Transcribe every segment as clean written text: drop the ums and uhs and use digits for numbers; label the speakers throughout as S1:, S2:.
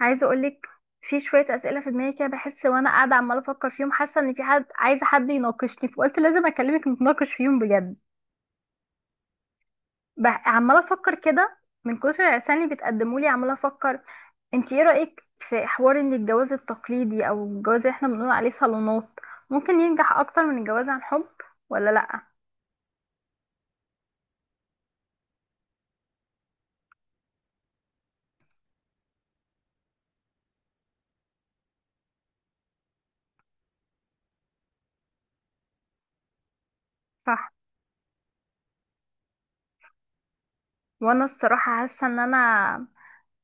S1: عايزه اقولك في شويه اسئله في دماغي كده، بحس وانا قاعده عماله افكر فيهم، حاسه ان في حد عايزه حد يناقشني، فقلت لازم اكلمك نتناقش فيهم بجد. عماله افكر كده، من كتر العرسان اللي بتقدموا لي عماله افكر. انت ايه رايك في حوار ان الجواز التقليدي او الجواز اللي احنا بنقول عليه صالونات ممكن ينجح اكتر من الجواز عن حب ولا لا؟ صح. وانا الصراحه حاسه ان انا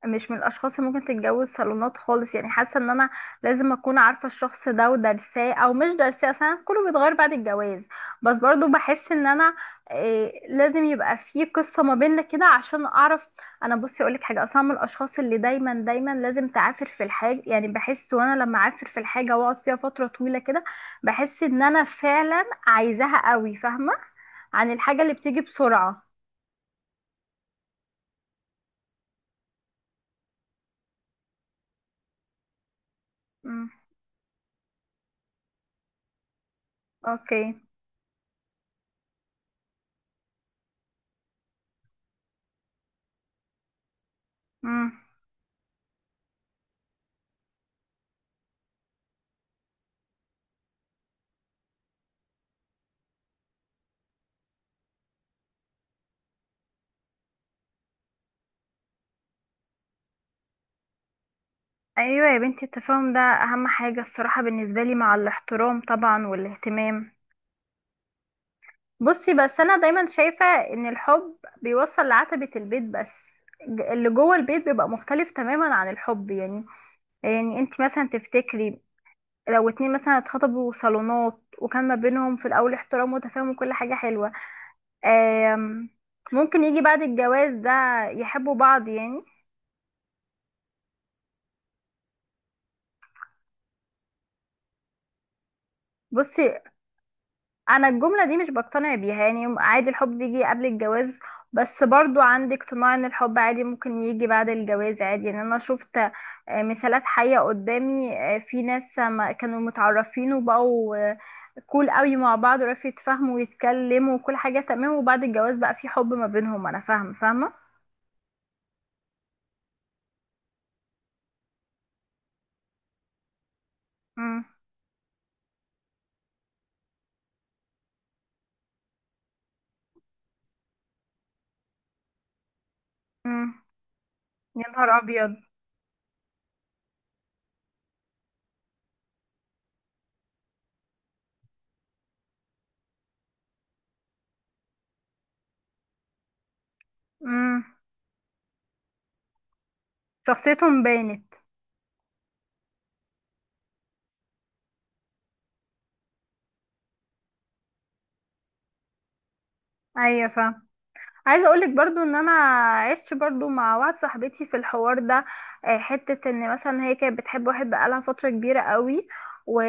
S1: مش من الاشخاص اللي ممكن تتجوز صالونات خالص، يعني حاسه ان انا لازم اكون عارفه الشخص ده ودارساه او مش دارساه، اصلا كله بيتغير بعد الجواز، بس برضو بحس ان انا إيه لازم يبقى في قصه ما بيننا كده عشان اعرف. انا بصي اقولك حاجه، اصلا من الاشخاص اللي دايما دايما لازم تعافر في الحاجه، يعني بحس وانا لما اعافر في الحاجه واقعد فيها فتره طويله كده بحس ان انا فعلا عايزاها قوي، فاهمه؟ عن الحاجه اللي بتيجي بسرعه. امم. اوكي. امم. ايوه يا بنتي، التفاهم ده اهم حاجه الصراحه بالنسبه لي، مع الاحترام طبعا والاهتمام. بصي، بس انا دايما شايفه ان الحب بيوصل لعتبه البيت بس، اللي جوه البيت بيبقى مختلف تماما عن الحب، يعني. يعني انت مثلا تفتكري لو اتنين مثلا اتخطبوا صالونات وكان ما بينهم في الاول احترام وتفاهم وكل حاجه حلوه، آم، ممكن يجي بعد الجواز ده يحبوا بعض يعني؟ بصي، انا الجمله دي مش بقتنع بيها، يعني عادي الحب بيجي قبل الجواز، بس برضو عندي اقتناع ان الحب عادي ممكن يجي بعد الجواز عادي. يعني انا شفت مثالات حية قدامي، في ناس ما كانوا متعرفين وبقوا كول قوي مع بعض، وعرفوا يتفاهموا ويتكلموا وكل حاجة تمام، وبعد الجواز بقى في حب ما بينهم. انا فاهمة فاهمة. امم. امم. يا نهار ابيض. امم. شخصيتهم باينة. ايوه فاهمة. عايزه اقولك برضو ان انا عشت برضو مع واحده صاحبتي في الحوار ده، حته ان مثلا هي كانت بتحب واحد بقالها فتره كبيره قوي، و...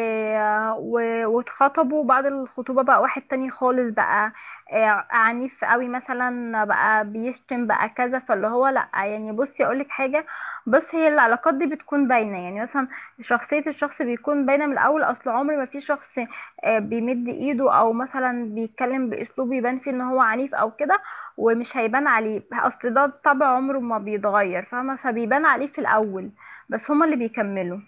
S1: و... واتخطبوا. بعد الخطوبه بقى واحد تاني خالص، بقى عنيف قوي مثلا، بقى بيشتم بقى كذا، فاللي هو لا يعني بصي اقولك حاجه. بص، هي العلاقات دي بتكون باينه، يعني مثلا شخصيه الشخص بيكون باينه من الاول، اصل عمر ما في شخص بيمد ايده او مثلا بيتكلم باسلوب يبان فيه ان هو عنيف او كده ومش هيبان عليه، اصل ده طبع عمره ما بيتغير، فاهمه؟ فبيبان عليه في الاول بس هما اللي بيكملوا.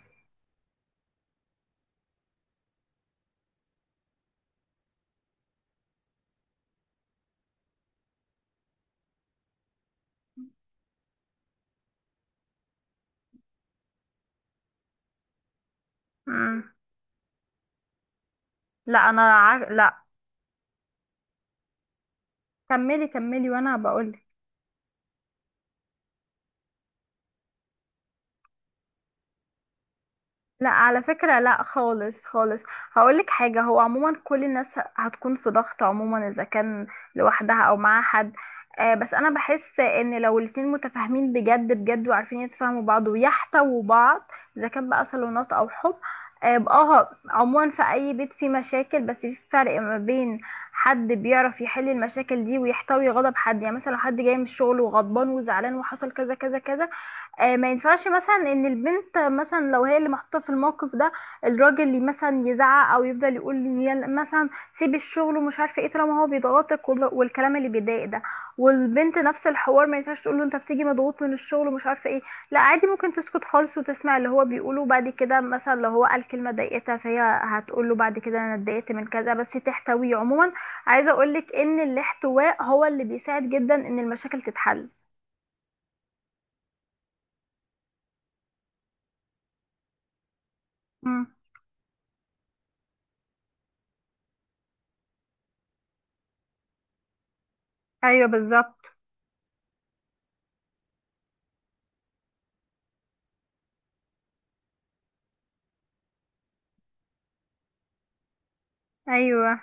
S1: مم. لا انا ع... لا، كملي كملي وانا بقول. لا على فكرة لا، خالص خالص. هقولك حاجة، هو عموما كل الناس هتكون في ضغط عموما، إذا كان لوحدها أو مع حد، آه بس أنا بحس إن لو الاتنين متفاهمين بجد بجد وعارفين يتفاهموا بعض ويحتووا بعض، إذا كان بقى صالونات أو حب، آه يبقى اه. عموما في أي بيت فيه مشاكل، بس في فرق ما بين حد بيعرف يحل المشاكل دي ويحتوي غضب حد. يعني مثلا لو حد جاي من الشغل وغضبان وزعلان وحصل كذا كذا كذا، ما ينفعش مثلا ان البنت مثلا، لو هي اللي محطوطه في الموقف ده الراجل اللي مثلا يزعق، او يفضل يقول لي يلا مثلا سيب الشغل ومش عارفه ايه، طالما هو بيضغطك وال- والكلام اللي بيضايق ده. والبنت نفس الحوار، ما ينفعش تقول له انت بتيجي مضغوط من الشغل ومش عارفه ايه، لا عادي ممكن تسكت خالص وتسمع اللي هو بيقوله، بعد كده مثلا لو هو قال كلمه ضايقتها فهي هتقول له بعد كده انا اتضايقت من كذا، بس تحتويه عموما. عايزه اقولك ان الاحتواء هو اللي بيساعد جدا ان المشاكل تتحل. مم. ايوه بالظبط. ايوه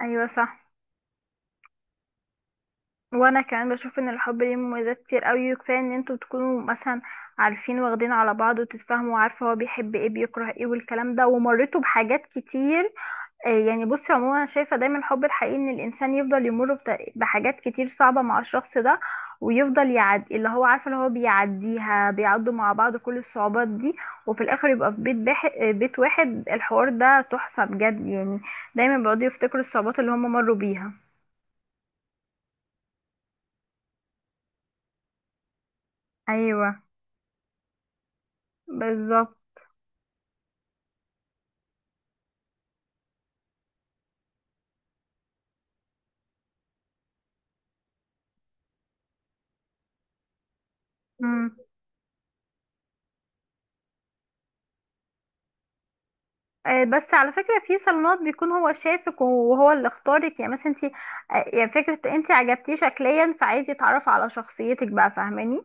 S1: ايوه صح. وانا كمان بشوف ان الحب ليه مميزات كتير قوي، كفايه ان انتوا تكونوا مثلا عارفين واخدين على بعض وتتفاهموا وعارفه هو بيحب ايه بيكره ايه والكلام ده، ومريتوا بحاجات كتير. يعني بصي عموما انا شايفه دايما الحب الحقيقي ان الانسان يفضل يمر بحاجات كتير صعبه مع الشخص ده، ويفضل يعدي اللي هو عارفه اللي هو بيعديها، بيعدوا مع بعض كل الصعوبات دي، وفي الاخر يبقى في بيت واحد، الحوار ده تحفه بجد يعني. دايما بيقعدوا يفتكروا الصعوبات اللي هم مروا بيها. ايوه بالظبط. مم. بس على فكرة في صالونات بيكون هو شافك وهو اللي اختارك، يعني مثلا انت، يعني فكرة انت عجبتيه شكليا فعايز يتعرف على شخصيتك بقى، فاهماني؟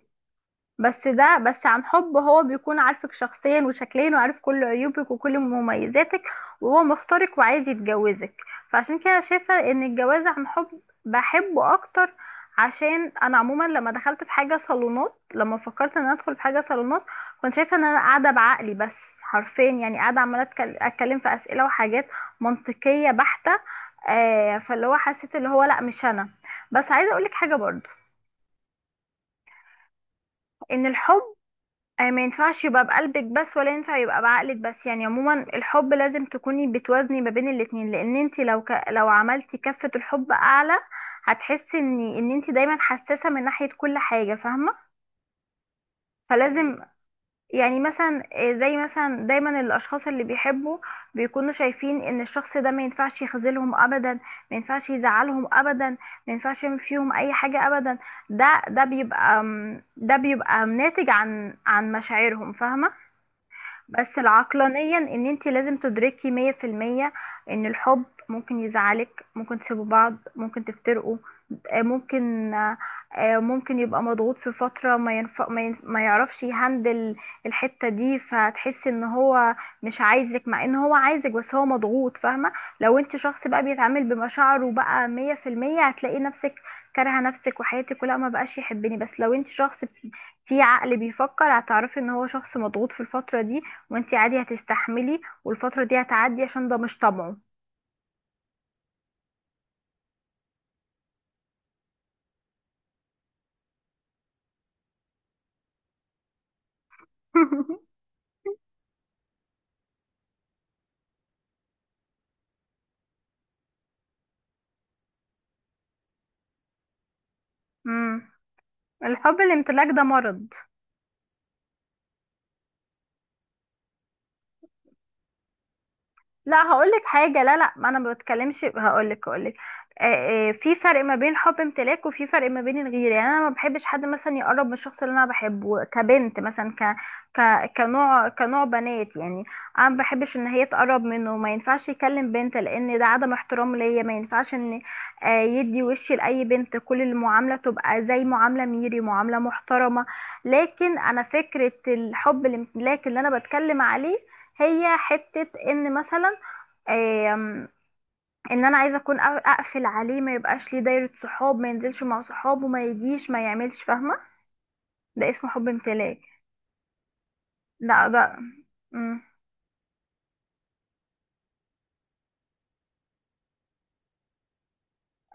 S1: بس ده بس. عن حب هو بيكون عارفك شخصيا وشكليا وعارف كل عيوبك وكل مميزاتك وهو مختارك وعايز يتجوزك، فعشان كده شايفة ان الجواز عن حب بحبه اكتر. عشان انا عموما لما دخلت في حاجة صالونات لما فكرت ان انا ادخل في حاجة صالونات كنت شايفة ان انا قاعدة بعقلي بس حرفيا، يعني قاعدة عمالة اتكلم في اسئلة وحاجات منطقية بحتة. فاللي هو حسيت اللي هو لا مش انا. بس عايزة اقولك حاجة برضو ان الحب ما ينفعش يبقى بقلبك بس ولا ينفع يبقى بعقلك بس، يعني عموما الحب لازم تكوني بتوازني ما بين الاتنين، لان انت لو لو عملتي كفة الحب اعلى هتحسي ان انت دايما حساسة من ناحية كل حاجة، فاهمة؟ فلازم يعني مثلا زي مثلا دايما الاشخاص اللي بيحبوا بيكونوا شايفين ان الشخص ده ما ينفعش يخذلهم ابدا، ما ينفعش يزعلهم ابدا، ما ينفعش يعمل فيهم اي حاجة ابدا. ده ده بيبقى ده بيبقى ناتج عن مشاعرهم، فاهمة؟ بس العقلانيا ان انت لازم تدركي 100% ان الحب ممكن يزعلك ممكن تسيبوا بعض ممكن تفترقوا، آه، ممكن آه، آه، ممكن يبقى مضغوط في فترة ما ينف... ما, ين... ما يعرفش يهندل الحتة دي، فتحس ان هو مش عايزك مع ان هو عايزك بس هو مضغوط، فاهمة؟ لو انت شخص بقى بيتعامل بمشاعره بقى 100% هتلاقي نفسك كارهة نفسك وحياتك، ولا ما بقاش يحبني. بس لو انت شخص في عقل بيفكر هتعرفي ان هو شخص مضغوط في الفترة دي، وانتي عادي هتستحملي والفترة دي هتعدي عشان ده مش طبعه. امم. الحب الامتلاك ده مرض. لا، هقولك حاجة، لا لا، ما انا ما بتكلمش، هقولك. في فرق ما بين حب امتلاك وفي فرق ما بين الغيرة، يعني انا ما بحبش حد مثلا يقرب من الشخص اللي انا بحبه كبنت مثلا، ك ك كنوع بنات يعني. انا ما بحبش ان هي تقرب منه، ما ينفعش يكلم بنت لان ده عدم احترام ليا، ما ينفعش ان يدي وشي لاي بنت، كل المعاملة تبقى زي معاملة ميري، معاملة محترمة. لكن انا فكرة الحب الامتلاك اللي انا بتكلم عليه هي حتة ان مثلا آم، ان انا عايزه اكون اقفل عليه، ما يبقاش ليه دايره صحاب، ما ينزلش مع صحابه، ما يجيش ما يعملش، فاهمه؟ ده اسمه حب امتلاك. لا ده. مم.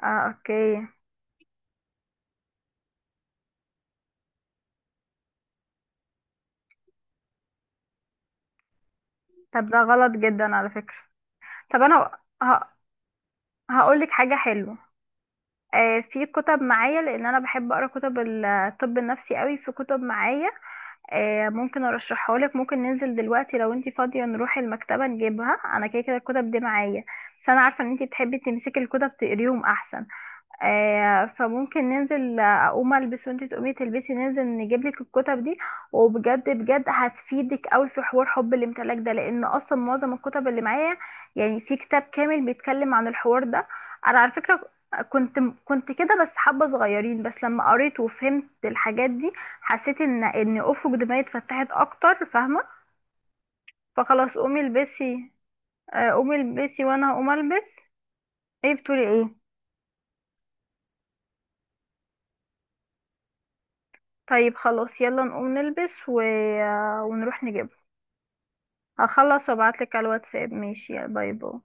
S1: آه اوكي. طب ده غلط جدا على فكره. طب انا هقول لك حاجه حلوه. آه في كتب معايا لان انا بحب اقرا كتب الطب النفسي قوي، في كتب معايا آه ممكن ارشحها لك، ممكن ننزل دلوقتي لو انت فاضيه نروح المكتبه نجيبها، انا كده كده الكتب دي معايا، بس انا عارفه ان انت بتحبي تمسكي الكتب تقريهم احسن. فممكن ننزل، اقوم البس وانتي تقومي تلبسي ننزل نجيب لك الكتب دي، وبجد بجد هتفيدك قوي في حوار حب الامتلاك ده، لان اصلا معظم الكتب اللي معايا يعني في كتاب كامل بيتكلم عن الحوار ده. انا على فكرة كنت كنت كده بس حبة صغيرين، بس لما قريت وفهمت الحاجات دي حسيت ان افق دماغي اتفتحت اكتر، فاهمة؟ فخلاص قومي البسي، قومي البسي وانا هقوم البس. ايه بتقولي ايه؟ طيب خلاص يلا نقوم نلبس ونروح نجيبه. هخلص وابعتلك على الواتساب ماشي، يلا باي باي.